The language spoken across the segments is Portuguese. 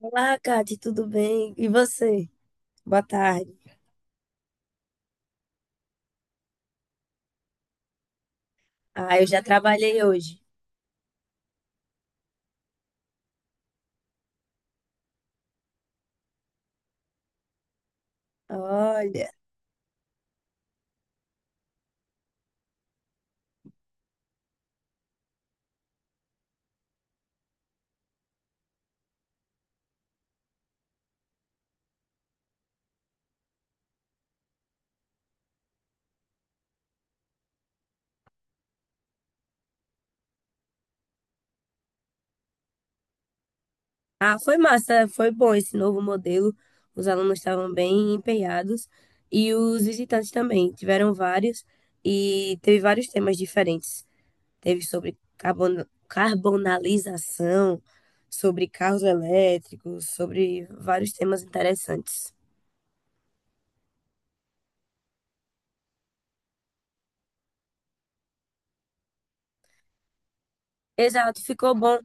Olá, Kate, tudo bem? E você? Boa tarde. Ah, eu já trabalhei hoje. Olha. Ah, foi massa, foi bom esse novo modelo. Os alunos estavam bem empenhados e os visitantes também. Tiveram vários e teve vários temas diferentes. Teve sobre carbonalização, sobre carros elétricos, sobre vários temas interessantes. Exato, ficou bom.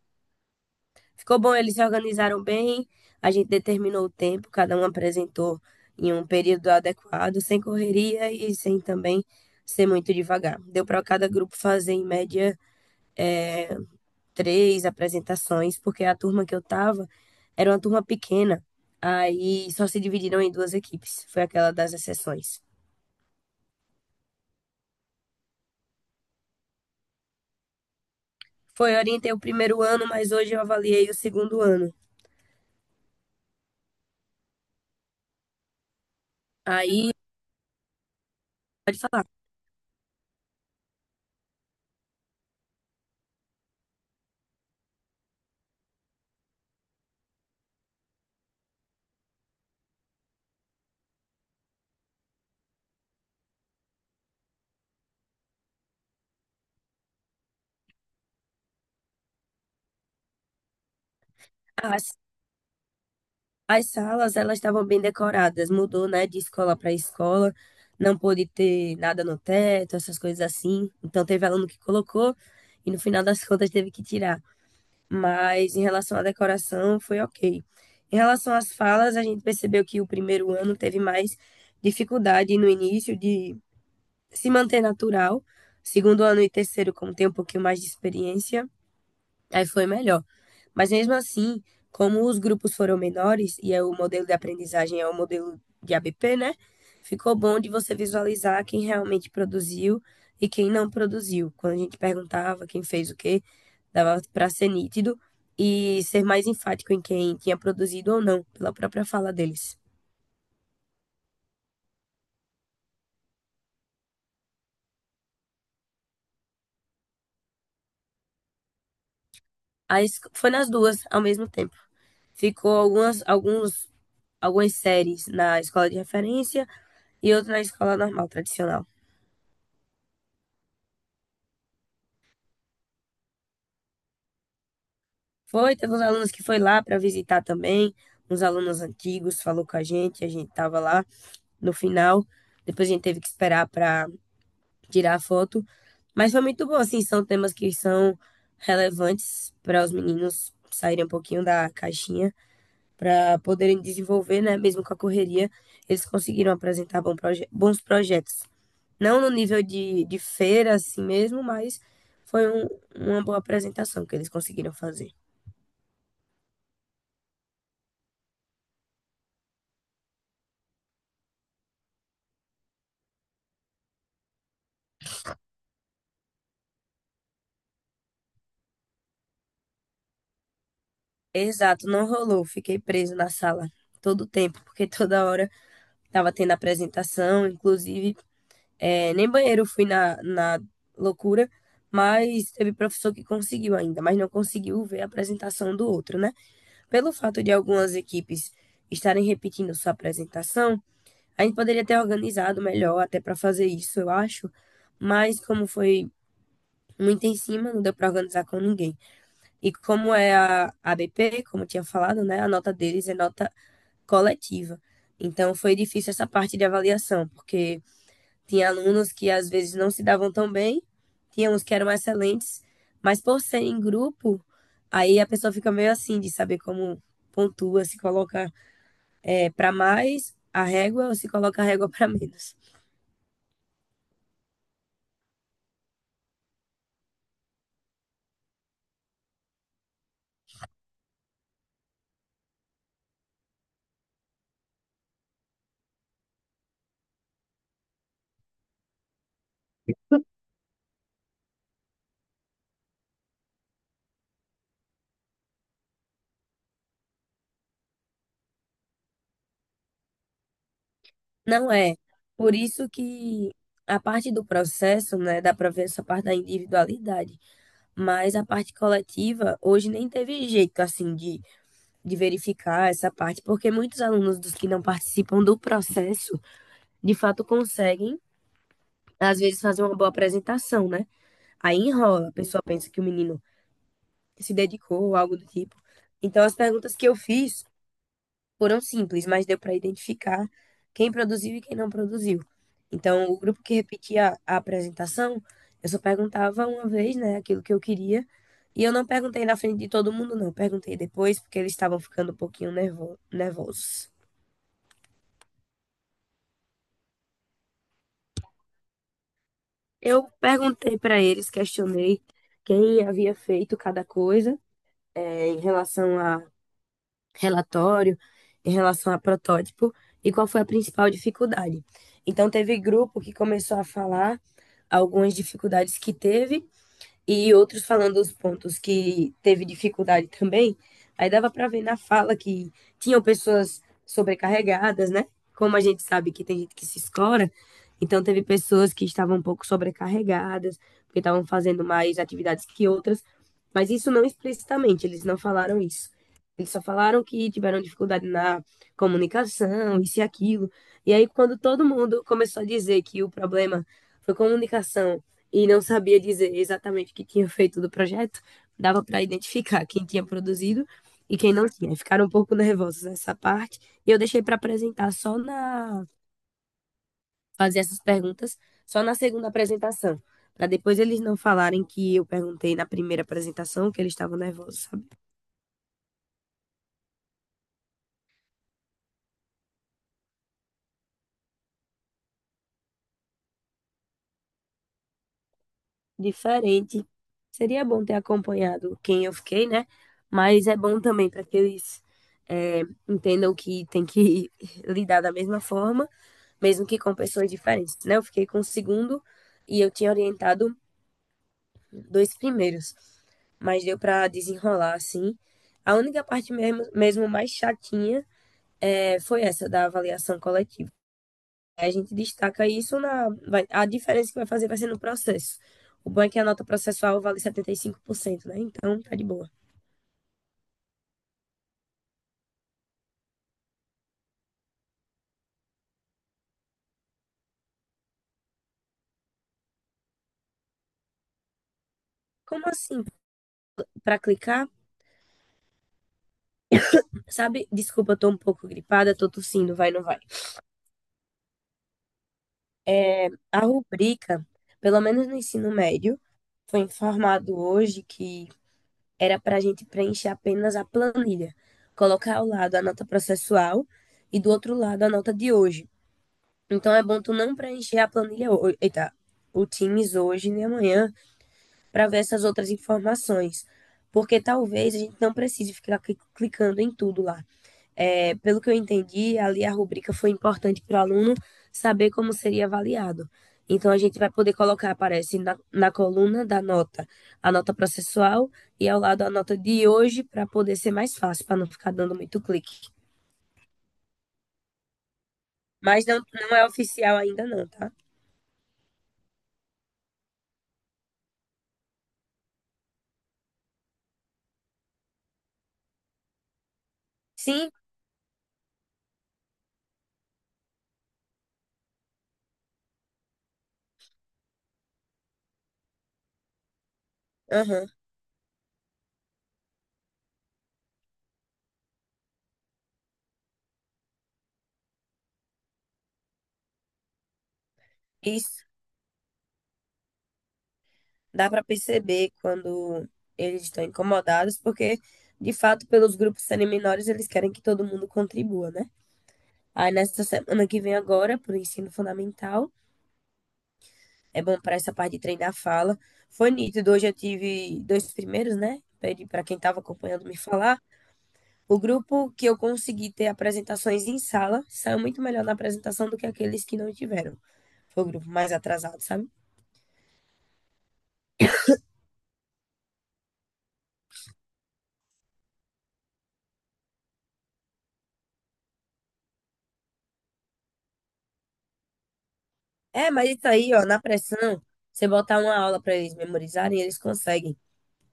Ficou bom, eles se organizaram bem, a gente determinou o tempo, cada um apresentou em um período adequado, sem correria e sem também ser muito devagar. Deu para cada grupo fazer, em média, três apresentações, porque a turma que eu tava era uma turma pequena, aí só se dividiram em duas equipes, foi aquela das exceções. Foi, eu orientei o primeiro ano, mas hoje eu avaliei o segundo ano. Aí, pode falar. Ah, as salas, elas estavam bem decoradas. Mudou, né, de escola para escola. Não pôde ter nada no teto, essas coisas assim. Então teve aluno que colocou e no final das contas teve que tirar. Mas em relação à decoração, foi ok. Em relação às falas, a gente percebeu que o primeiro ano teve mais dificuldade no início de se manter natural. Segundo ano e terceiro, como tem um pouquinho mais de experiência, aí foi melhor. Mas mesmo assim, como os grupos foram menores e é o modelo de aprendizagem é o modelo de ABP, né? Ficou bom de você visualizar quem realmente produziu e quem não produziu. Quando a gente perguntava quem fez o quê, dava para ser nítido e ser mais enfático em quem tinha produzido ou não, pela própria fala deles. Aí foi nas duas ao mesmo tempo. Ficou algumas séries na escola de referência e outra na escola normal, tradicional. Foi, teve uns alunos que foi lá para visitar também, uns alunos antigos, falou com a gente tava lá no final. Depois a gente teve que esperar para tirar a foto, mas foi muito bom, assim, são temas que são relevantes para os meninos saírem um pouquinho da caixinha, para poderem desenvolver, né, mesmo com a correria, eles conseguiram apresentar bons projetos. Não no nível de feira assim mesmo, mas foi um- uma boa apresentação que eles conseguiram fazer. Exato, não rolou. Fiquei preso na sala todo o tempo, porque toda hora tava tendo apresentação, inclusive, nem banheiro eu fui na loucura, mas teve professor que conseguiu ainda, mas não conseguiu ver a apresentação do outro, né? Pelo fato de algumas equipes estarem repetindo sua apresentação, a gente poderia ter organizado melhor até para fazer isso, eu acho, mas como foi muito em cima, não deu para organizar com ninguém. E como é a ABP, como eu tinha falado, né? A nota deles é nota coletiva. Então foi difícil essa parte de avaliação, porque tinha alunos que às vezes não se davam tão bem, tinha uns que eram excelentes, mas por ser em grupo, aí a pessoa fica meio assim de saber como pontua, se coloca para mais a régua ou se coloca a régua para menos. Não é. Por isso que a parte do processo, né, dá para ver essa parte da individualidade, mas a parte coletiva hoje nem teve jeito assim de verificar essa parte, porque muitos alunos dos que não participam do processo, de fato conseguem, às vezes, fazer uma boa apresentação, né? Aí enrola, a pessoa pensa que o menino se dedicou ou algo do tipo. Então, as perguntas que eu fiz foram simples, mas deu para identificar quem produziu e quem não produziu. Então, o grupo que repetia a apresentação, eu só perguntava uma vez, né, aquilo que eu queria. E eu não perguntei na frente de todo mundo, não. Perguntei depois, porque eles estavam ficando um pouquinho nervosos. Eu perguntei para eles, questionei quem havia feito cada coisa, em relação a relatório, em relação a protótipo e qual foi a principal dificuldade. Então, teve grupo que começou a falar algumas dificuldades que teve e outros falando os pontos que teve dificuldade também. Aí dava para ver na fala que tinham pessoas sobrecarregadas, né? Como a gente sabe que tem gente que se escora, então teve pessoas que estavam um pouco sobrecarregadas, porque estavam fazendo mais atividades que outras, mas isso não explicitamente, eles não falaram isso. Eles só falaram que tiveram dificuldade na comunicação, isso e aquilo. E aí, quando todo mundo começou a dizer que o problema foi comunicação e não sabia dizer exatamente o que tinha feito do projeto, dava para identificar quem tinha produzido e quem não tinha. Ficaram um pouco nervosos nessa parte e eu deixei para apresentar só na fazer essas perguntas só na segunda apresentação, para depois eles não falarem que eu perguntei na primeira apresentação que eles estavam nervosos, sabe? Diferente. Seria bom ter acompanhado quem eu fiquei, né? Mas é bom também para que eles é, entendam que tem que lidar da mesma forma mesmo que com pessoas diferentes, né? Eu fiquei com o segundo e eu tinha orientado dois primeiros, mas deu para desenrolar assim. A única parte mesmo, mesmo mais chatinha foi essa da avaliação coletiva. A gente destaca isso na. A diferença que vai fazer vai ser no processo. O bom é que a nota processual vale 75%, né? Então tá de boa. Como assim? Pra clicar? Sabe? Desculpa, eu tô um pouco gripada, tô tossindo, vai, não vai. A rubrica, pelo menos no ensino médio, foi informado hoje que era para a gente preencher apenas a planilha, colocar ao lado a nota processual e do outro lado a nota de hoje. Então é bom tu não preencher a planilha hoje, eita, o Teams hoje nem amanhã para ver essas outras informações, porque talvez a gente não precise ficar clicando em tudo lá. É, pelo que eu entendi, ali a rubrica foi importante para o aluno saber como seria avaliado. Então, a gente vai poder colocar, aparece na coluna da nota, a nota processual e ao lado a nota de hoje, para poder ser mais fácil, para não ficar dando muito clique. Mas não é oficial ainda, não, tá? Sim, aham, isso. Dá para perceber quando eles estão incomodados, porque, de fato, pelos grupos serem menores, eles querem que todo mundo contribua, né? Aí nessa semana que vem agora, para o ensino fundamental, é bom para essa parte de treinar a fala. Foi nítido, hoje eu tive dois primeiros, né? Pedi para quem estava acompanhando me falar. O grupo que eu consegui ter apresentações em sala saiu muito melhor na apresentação do que aqueles que não tiveram. Foi o grupo mais atrasado, sabe? É, mas isso aí, ó, na pressão, você botar uma aula para eles memorizarem, eles conseguem.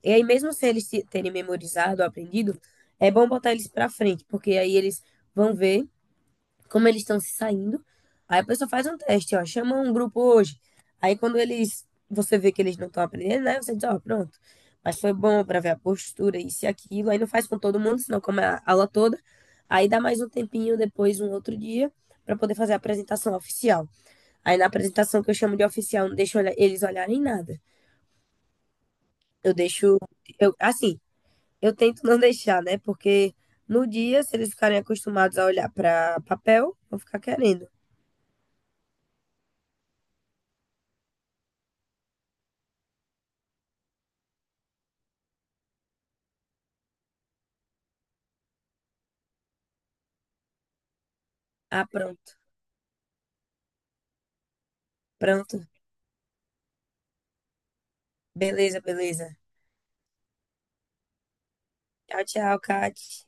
E aí, mesmo sem eles terem memorizado, aprendido, é bom botar eles para frente, porque aí eles vão ver como eles estão se saindo. Aí a pessoa faz um teste, ó, chama um grupo hoje. Aí quando eles, você vê que eles não estão aprendendo, né? Você diz, ó, pronto. Mas foi bom para ver a postura, isso e aquilo. Aí não faz com todo mundo, senão come a aula toda. Aí dá mais um tempinho depois, um outro dia, para poder fazer a apresentação oficial. Aí na apresentação que eu chamo de oficial, não deixo eles olharem nada. Eu deixo, eu, assim, eu tento não deixar, né? Porque no dia, se eles ficarem acostumados a olhar para papel, vão ficar querendo. Ah, pronto. Pronto. Beleza, beleza. Tchau, tchau, Kat.